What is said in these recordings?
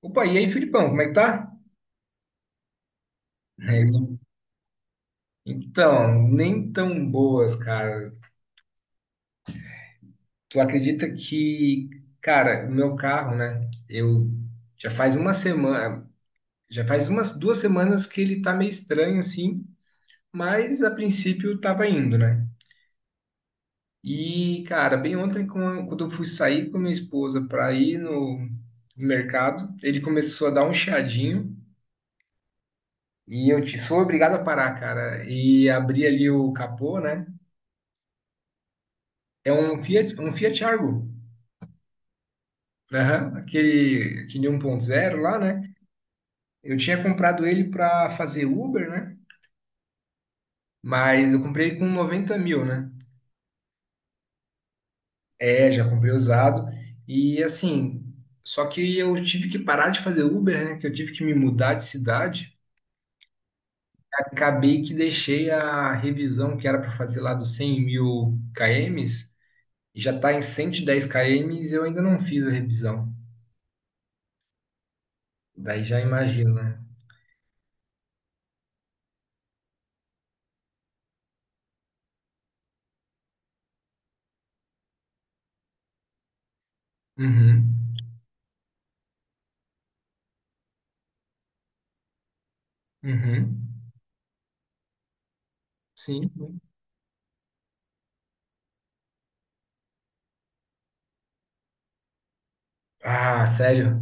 Opa, e aí, Filipão, como é que tá? É, então, nem tão boas, cara. Tu acredita que, cara, o meu carro, né? Eu já faz uma semana, já faz umas 2 semanas que ele tá meio estranho assim, mas a princípio tava indo, né? E, cara, bem ontem, quando eu fui sair com a minha esposa pra ir no mercado, ele começou a dar um chiadinho e fui obrigado a parar, cara, e abrir ali o capô, né? É um Fiat Argo. Aham, aquele 1.0 lá, né? Eu tinha comprado ele para fazer Uber, né? Mas eu comprei com 90 mil, né? É, já comprei usado. E assim, só que eu tive que parar de fazer Uber, né? Que eu tive que me mudar de cidade. Acabei que deixei a revisão que era para fazer lá dos 100 mil km. E já tá em 110 km e eu ainda não fiz a revisão. Daí já imagina, né? Uhum, uhum. Sim. Ah, sério?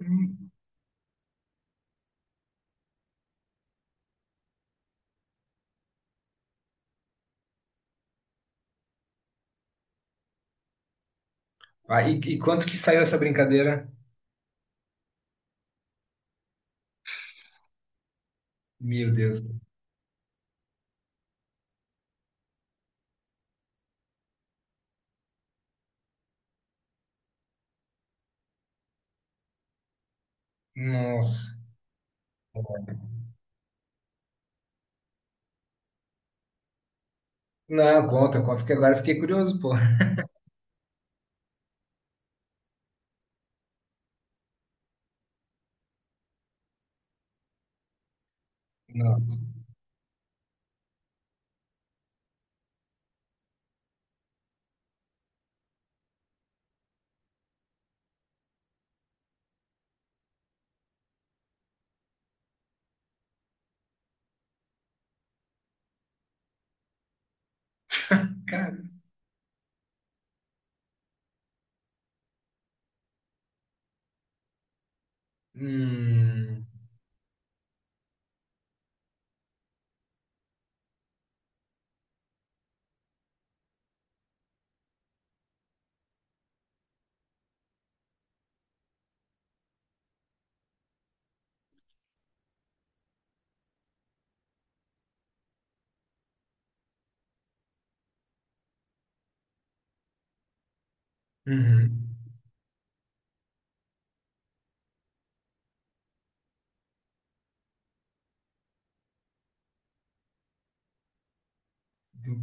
Hum. Ah, e quanto que saiu essa brincadeira? Meu Deus. Nossa. Não, conta, conta que agora eu fiquei curioso, pô. Nossa. Cara. Hum. Uhum.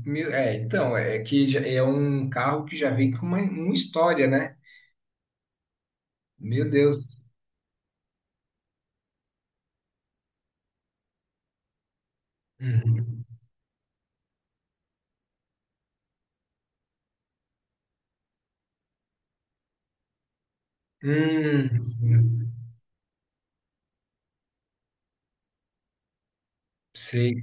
É, então, é que é um carro que já vem com uma história, né? Meu Deus. Uhum. Sim. Sei,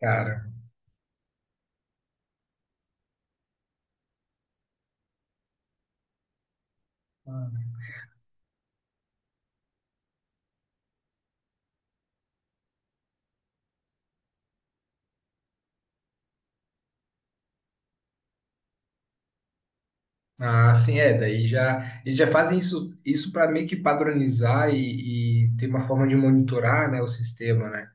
cara. Ah, sim, é. Daí já eles já fazem isso para meio que padronizar e ter uma forma de monitorar, né, o sistema, né?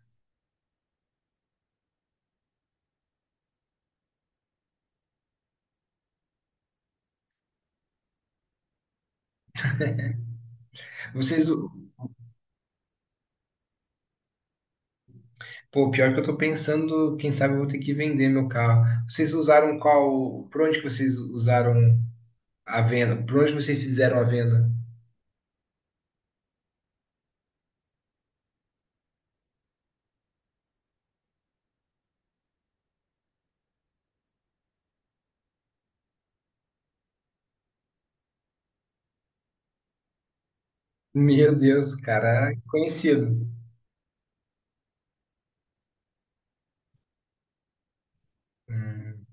Vocês, u- Pô, pior que eu tô pensando, quem sabe eu vou ter que vender meu carro. Vocês usaram qual? Por onde que vocês usaram a venda? Por onde vocês fizeram a venda? Meu Deus, cara, conhecido. Hum.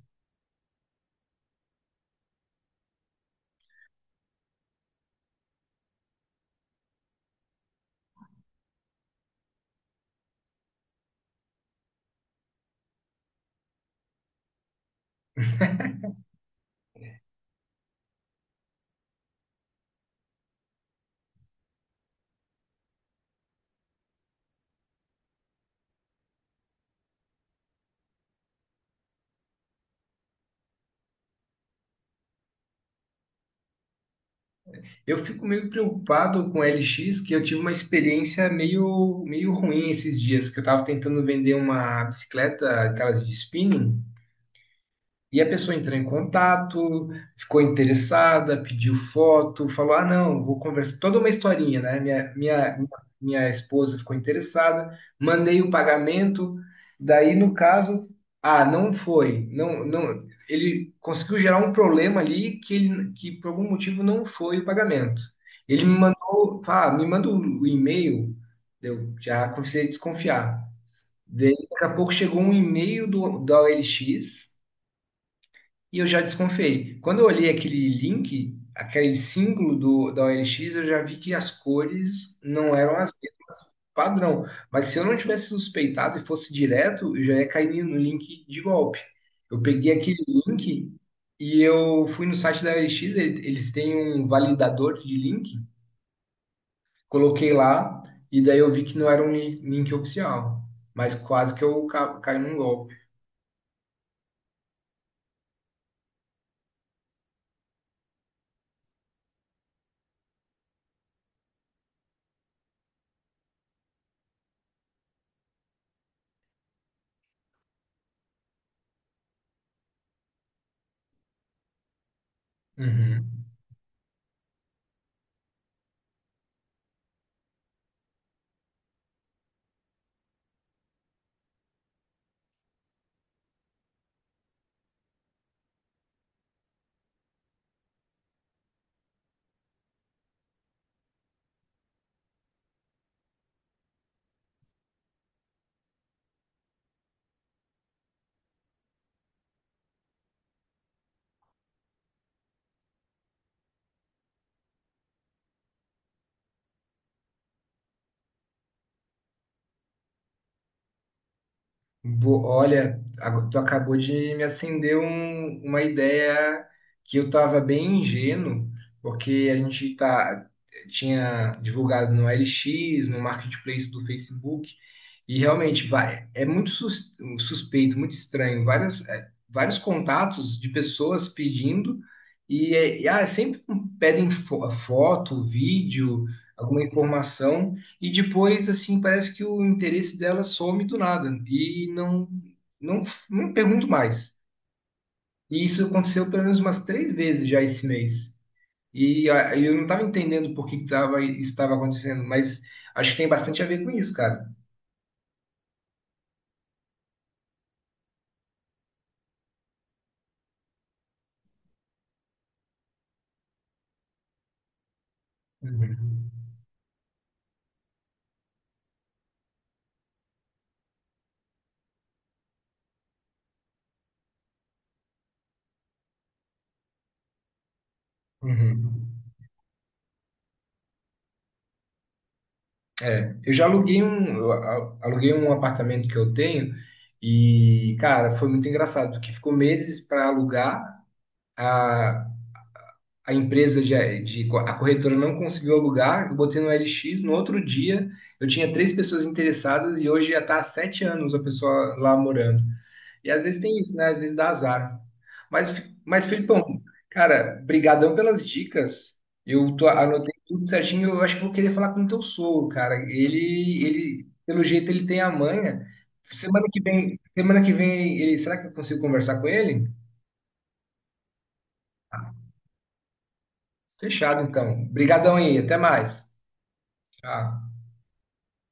Eu fico meio preocupado com LX, que eu tive uma experiência meio ruim esses dias, que eu estava tentando vender uma bicicleta, aquelas de spinning. E a pessoa entrou em contato, ficou interessada, pediu foto, falou: Ah, não, vou conversar. Toda uma historinha, né? Minha esposa ficou interessada, mandei o pagamento. Daí, no caso, ah, não foi. Não, não, ele conseguiu gerar um problema ali que, que por algum motivo não foi o pagamento. Ele me mandou, ah, me manda o e-mail, eu já comecei a desconfiar. Daí, daqui a pouco chegou um e-mail da OLX e eu já desconfiei. Quando eu olhei aquele link, aquele símbolo da OLX, eu já vi que as cores não eram as mesmas padrão. Mas se eu não tivesse suspeitado e fosse direto, eu já ia cair no link de golpe. Eu peguei aquele link e eu fui no site da OLX, eles têm um validador de link, coloquei lá e daí eu vi que não era um link oficial, mas quase que eu caí num golpe. Uhum. Olha, tu acabou de me acender uma ideia, que eu estava bem ingênuo, porque a gente tá, tinha divulgado no LX, no Marketplace do Facebook, e realmente vai, é muito suspeito, muito estranho, é, vários contatos de pessoas pedindo, e, ah, é sempre um, pedem foto, vídeo, alguma informação. E depois, assim, parece que o interesse dela some do nada e não, não pergunto mais. E isso aconteceu pelo menos umas três vezes já esse mês. E eu não estava entendendo por que que tava, isso estava acontecendo, mas acho que tem bastante a ver com isso, cara. Uhum. Uhum. É, eu já aluguei um, eu a- aluguei um apartamento que eu tenho e, cara, foi muito engraçado, que ficou meses para alugar. Ah, a empresa a corretora não conseguiu alugar, eu botei no LX, no outro dia eu tinha três pessoas interessadas e hoje já está há 7 anos a pessoa lá morando. E às vezes tem isso, né? Às vezes dá azar. Mas, mas Felipão, cara, brigadão pelas dicas. Eu tô, anotei tudo certinho, eu acho que vou querer falar com o teu sogro, cara. Ele, pelo jeito, ele tem a manha. Semana que vem, será que eu consigo conversar com ele? Fechado, então. Brigadão aí, até mais. Tchau.